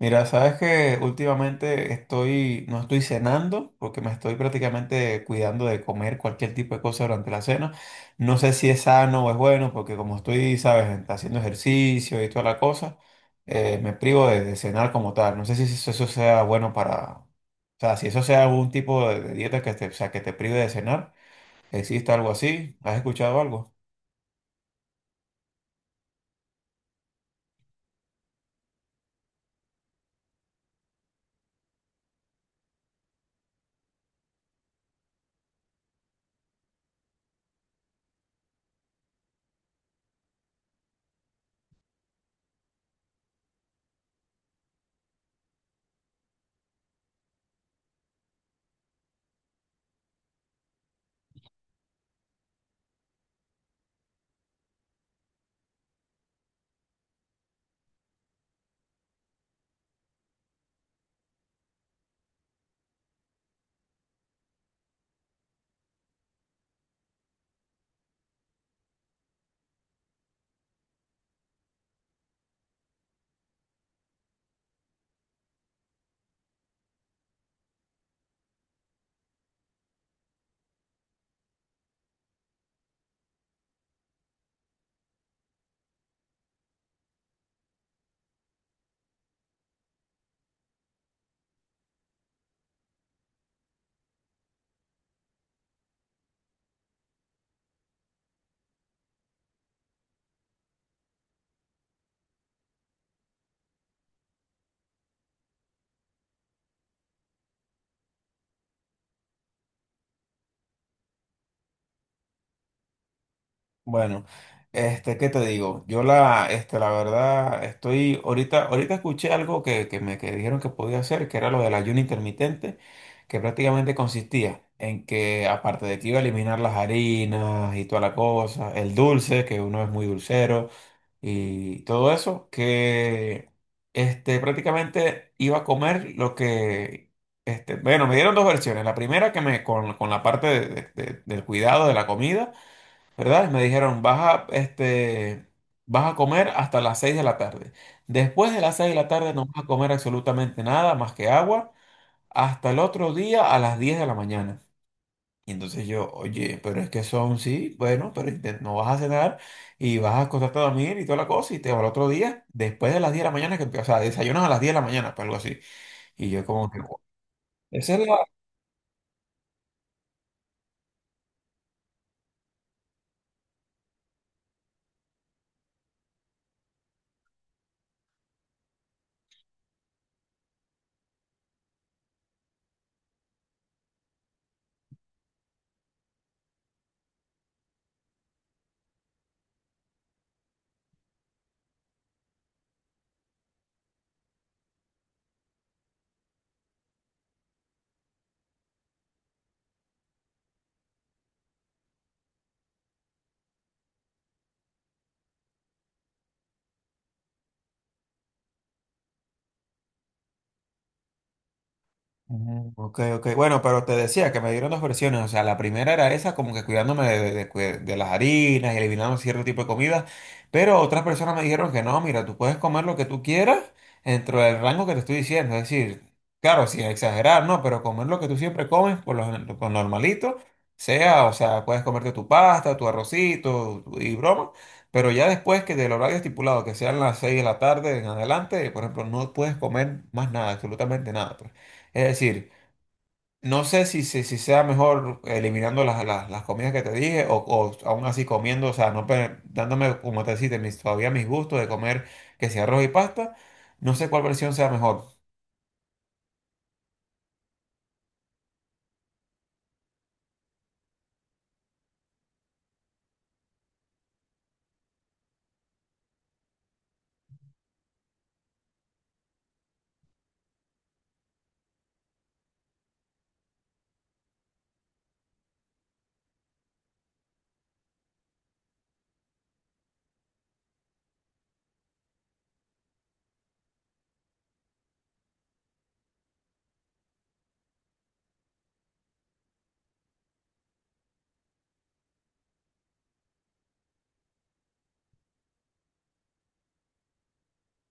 Mira, sabes que últimamente no estoy cenando porque me estoy prácticamente cuidando de comer cualquier tipo de cosa durante la cena. No sé si es sano o es bueno porque como estoy, sabes, haciendo ejercicio y toda la cosa, me privo de cenar como tal. No sé si eso sea bueno para, o sea, si eso sea algún tipo de dieta que te, o sea, que te prive de cenar. ¿Existe algo así? ¿Has escuchado algo? Bueno, ¿qué te digo? Yo la verdad, estoy, ahorita escuché algo que me que dijeron que podía hacer, que era lo del ayuno intermitente, que prácticamente consistía en que, aparte de que iba a eliminar las harinas y toda la cosa, el dulce, que uno es muy dulcero, y todo eso, que, prácticamente iba a comer lo que, bueno, me dieron dos versiones. La primera que me, con la parte del cuidado de la comida, ¿verdad? Me dijeron, a, este, vas a comer hasta las 6 de la tarde. Después de las 6 de la tarde no vas a comer absolutamente nada más que agua hasta el otro día a las 10 de la mañana. Y entonces yo, oye, pero es que son, sí, bueno, pero no vas a cenar y vas a acostarte a dormir y toda la cosa y te va al otro día, después de las 10 de la mañana, que, o sea, desayunas a las 10 de la mañana, pues algo así. Y yo como que, "Wow". Esa es la... Ujú. Ok, ok. Bueno, pero te decía que me dieron dos versiones. O sea, la primera era esa, como que cuidándome de las harinas y eliminando cierto tipo de comida. Pero otras personas me dijeron que no, mira, tú puedes comer lo que tú quieras dentro del rango que te estoy diciendo. Es decir, claro, sin exagerar, ¿no? Pero comer lo que tú siempre comes, por lo, por normalito, sea, o sea, puedes comerte tu pasta, tu arrocito y broma. Pero ya después que del horario estipulado, que sean las 6 de la tarde en adelante, por ejemplo, no puedes comer más nada, absolutamente nada, pues. Es decir, no sé si sea mejor eliminando las comidas que te dije o aún así comiendo, o sea, no dándome, como te decía, mis, todavía mis gustos de comer que sea arroz y pasta. No sé cuál versión sea mejor.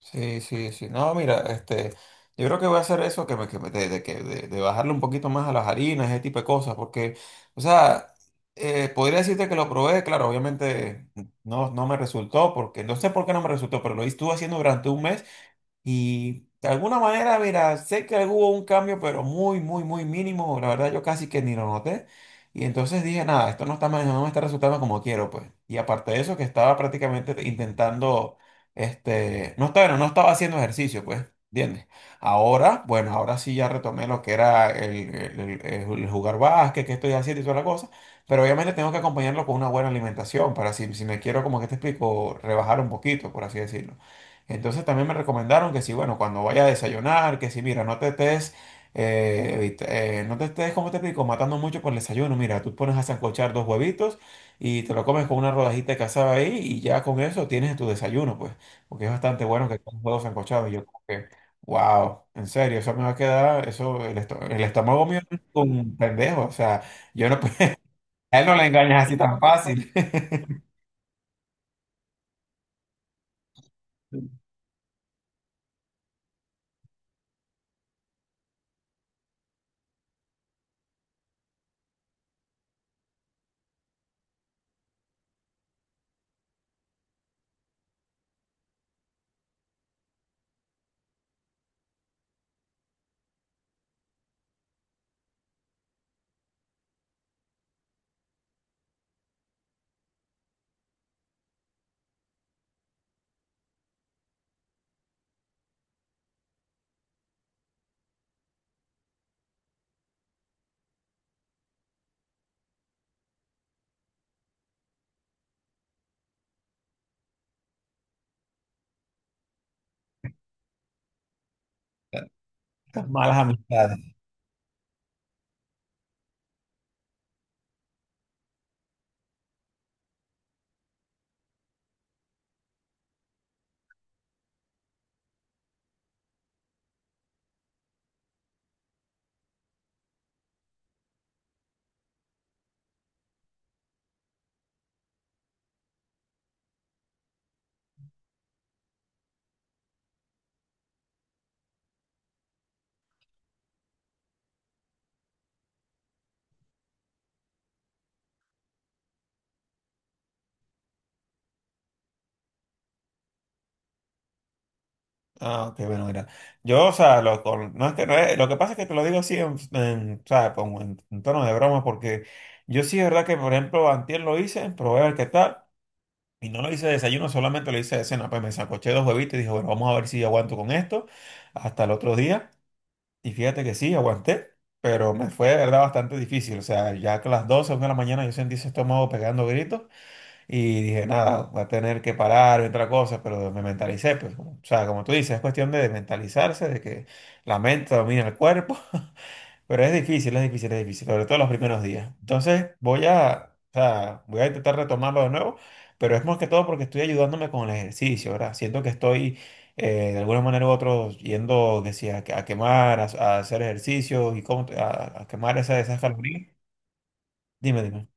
Sí, sí, sí. No, mira, este, yo creo que voy a hacer eso, de bajarle un poquito más a las harinas, ese tipo de cosas, porque, o sea, podría decirte que lo probé, claro, obviamente no, no me resultó, porque no sé por qué no me resultó, pero lo estuve haciendo durante un mes. Y de alguna manera, mira, sé que hubo un cambio, pero muy, muy, muy mínimo. La verdad, yo casi que ni lo noté. Y entonces dije, nada, esto no está, no me está resultando como quiero, pues. Y aparte de eso, que estaba prácticamente intentando, este, no estaba haciendo ejercicio, pues, ¿entiendes? Ahora, bueno, ahora sí ya retomé lo que era el jugar básquet, que estoy haciendo y toda la cosa. Pero obviamente tengo que acompañarlo con una buena alimentación para si me quiero, como que te explico, rebajar un poquito, por así decirlo. Entonces también me recomendaron que si, bueno, cuando vaya a desayunar, que si, mira, no te estés, no te estés, como te explico, matando mucho por el desayuno. Mira, tú pones a sancochar dos huevitos y te lo comes con una rodajita de cazada ahí y ya con eso tienes tu desayuno, pues, porque es bastante bueno que comas huevos sancochados. Y yo como que, wow, en serio, eso me va a quedar, eso, el estómago mío es un pendejo, o sea, yo no, a él no le engañas así tan fácil, malas amistades. Ah, ok, bueno, mira. Yo, o sea, lo, con- no es que, no es... lo que pasa es que te lo digo así, en, o como en tono de broma, porque yo sí es verdad que, por ejemplo, antier lo hice, probé a ver qué tal, y no lo hice de desayuno, solamente lo hice de cena, pues me sacoché dos huevitos y dije, bueno, vamos a ver si aguanto con esto hasta el otro día, y fíjate que sí, aguanté, pero me fue de verdad bastante difícil, o sea, ya que a las doce una de la mañana yo sentí ese estómago pegando gritos, y dije, nada, va a tener que parar y otra cosa, pero me mentalicé, pues, o sea, como tú dices, es cuestión de mentalizarse, de que la mente domina el cuerpo, pero es difícil, es difícil, es difícil, sobre todo los primeros días. Entonces, voy a, o sea, voy a intentar retomarlo de nuevo, pero es más que todo porque estoy ayudándome con el ejercicio, ¿verdad? Siento que estoy, de alguna manera u otra, yendo, que sí, a, quemar, a hacer ejercicio y cómo, a quemar esas calorías. Dime, dime.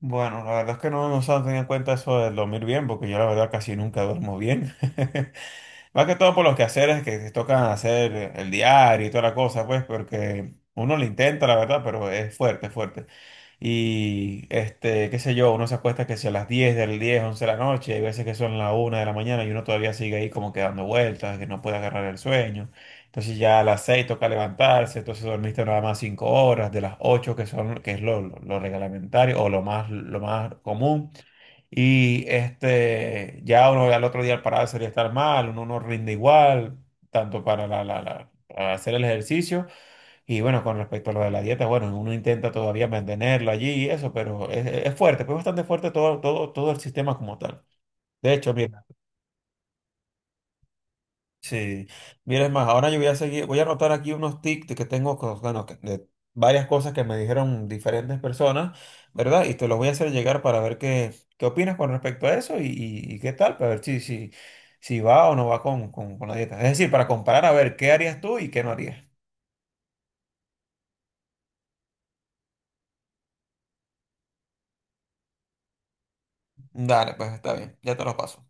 Bueno, la verdad es que no, no se han tenido en cuenta eso de dormir bien, porque yo la verdad casi nunca duermo bien. Más que todo por los quehaceres que se tocan hacer el diario y toda la cosa, pues, porque uno lo intenta, la verdad, pero es fuerte, es fuerte. Y este, qué sé yo, uno se acuesta que si a las 10 del 10 11 de la noche, hay veces que son la 1 de la mañana y uno todavía sigue ahí como que dando vueltas, que no puede agarrar el sueño. Entonces ya a las 6 toca levantarse, entonces dormiste nada más 5 horas, de las 8 que son, que es lo reglamentario o lo más común. Y este, ya uno al otro día al pararse sería estar mal, uno no rinde igual, tanto para, la para hacer el ejercicio y bueno, con respecto a lo de la dieta, bueno, uno intenta todavía mantenerlo allí y eso, pero es fuerte, pues bastante fuerte todo, todo, todo el sistema como tal. De hecho, mira, sí, mira, es más, ahora yo voy a seguir, voy a anotar aquí unos tips que tengo, bueno, de varias cosas que me dijeron diferentes personas, ¿verdad? Y te los voy a hacer llegar para ver qué, opinas con respecto a eso y qué tal, para ver si va o no va con la dieta. Es decir, para comparar a ver qué harías tú y qué no harías. Dale, pues está bien, ya te los paso.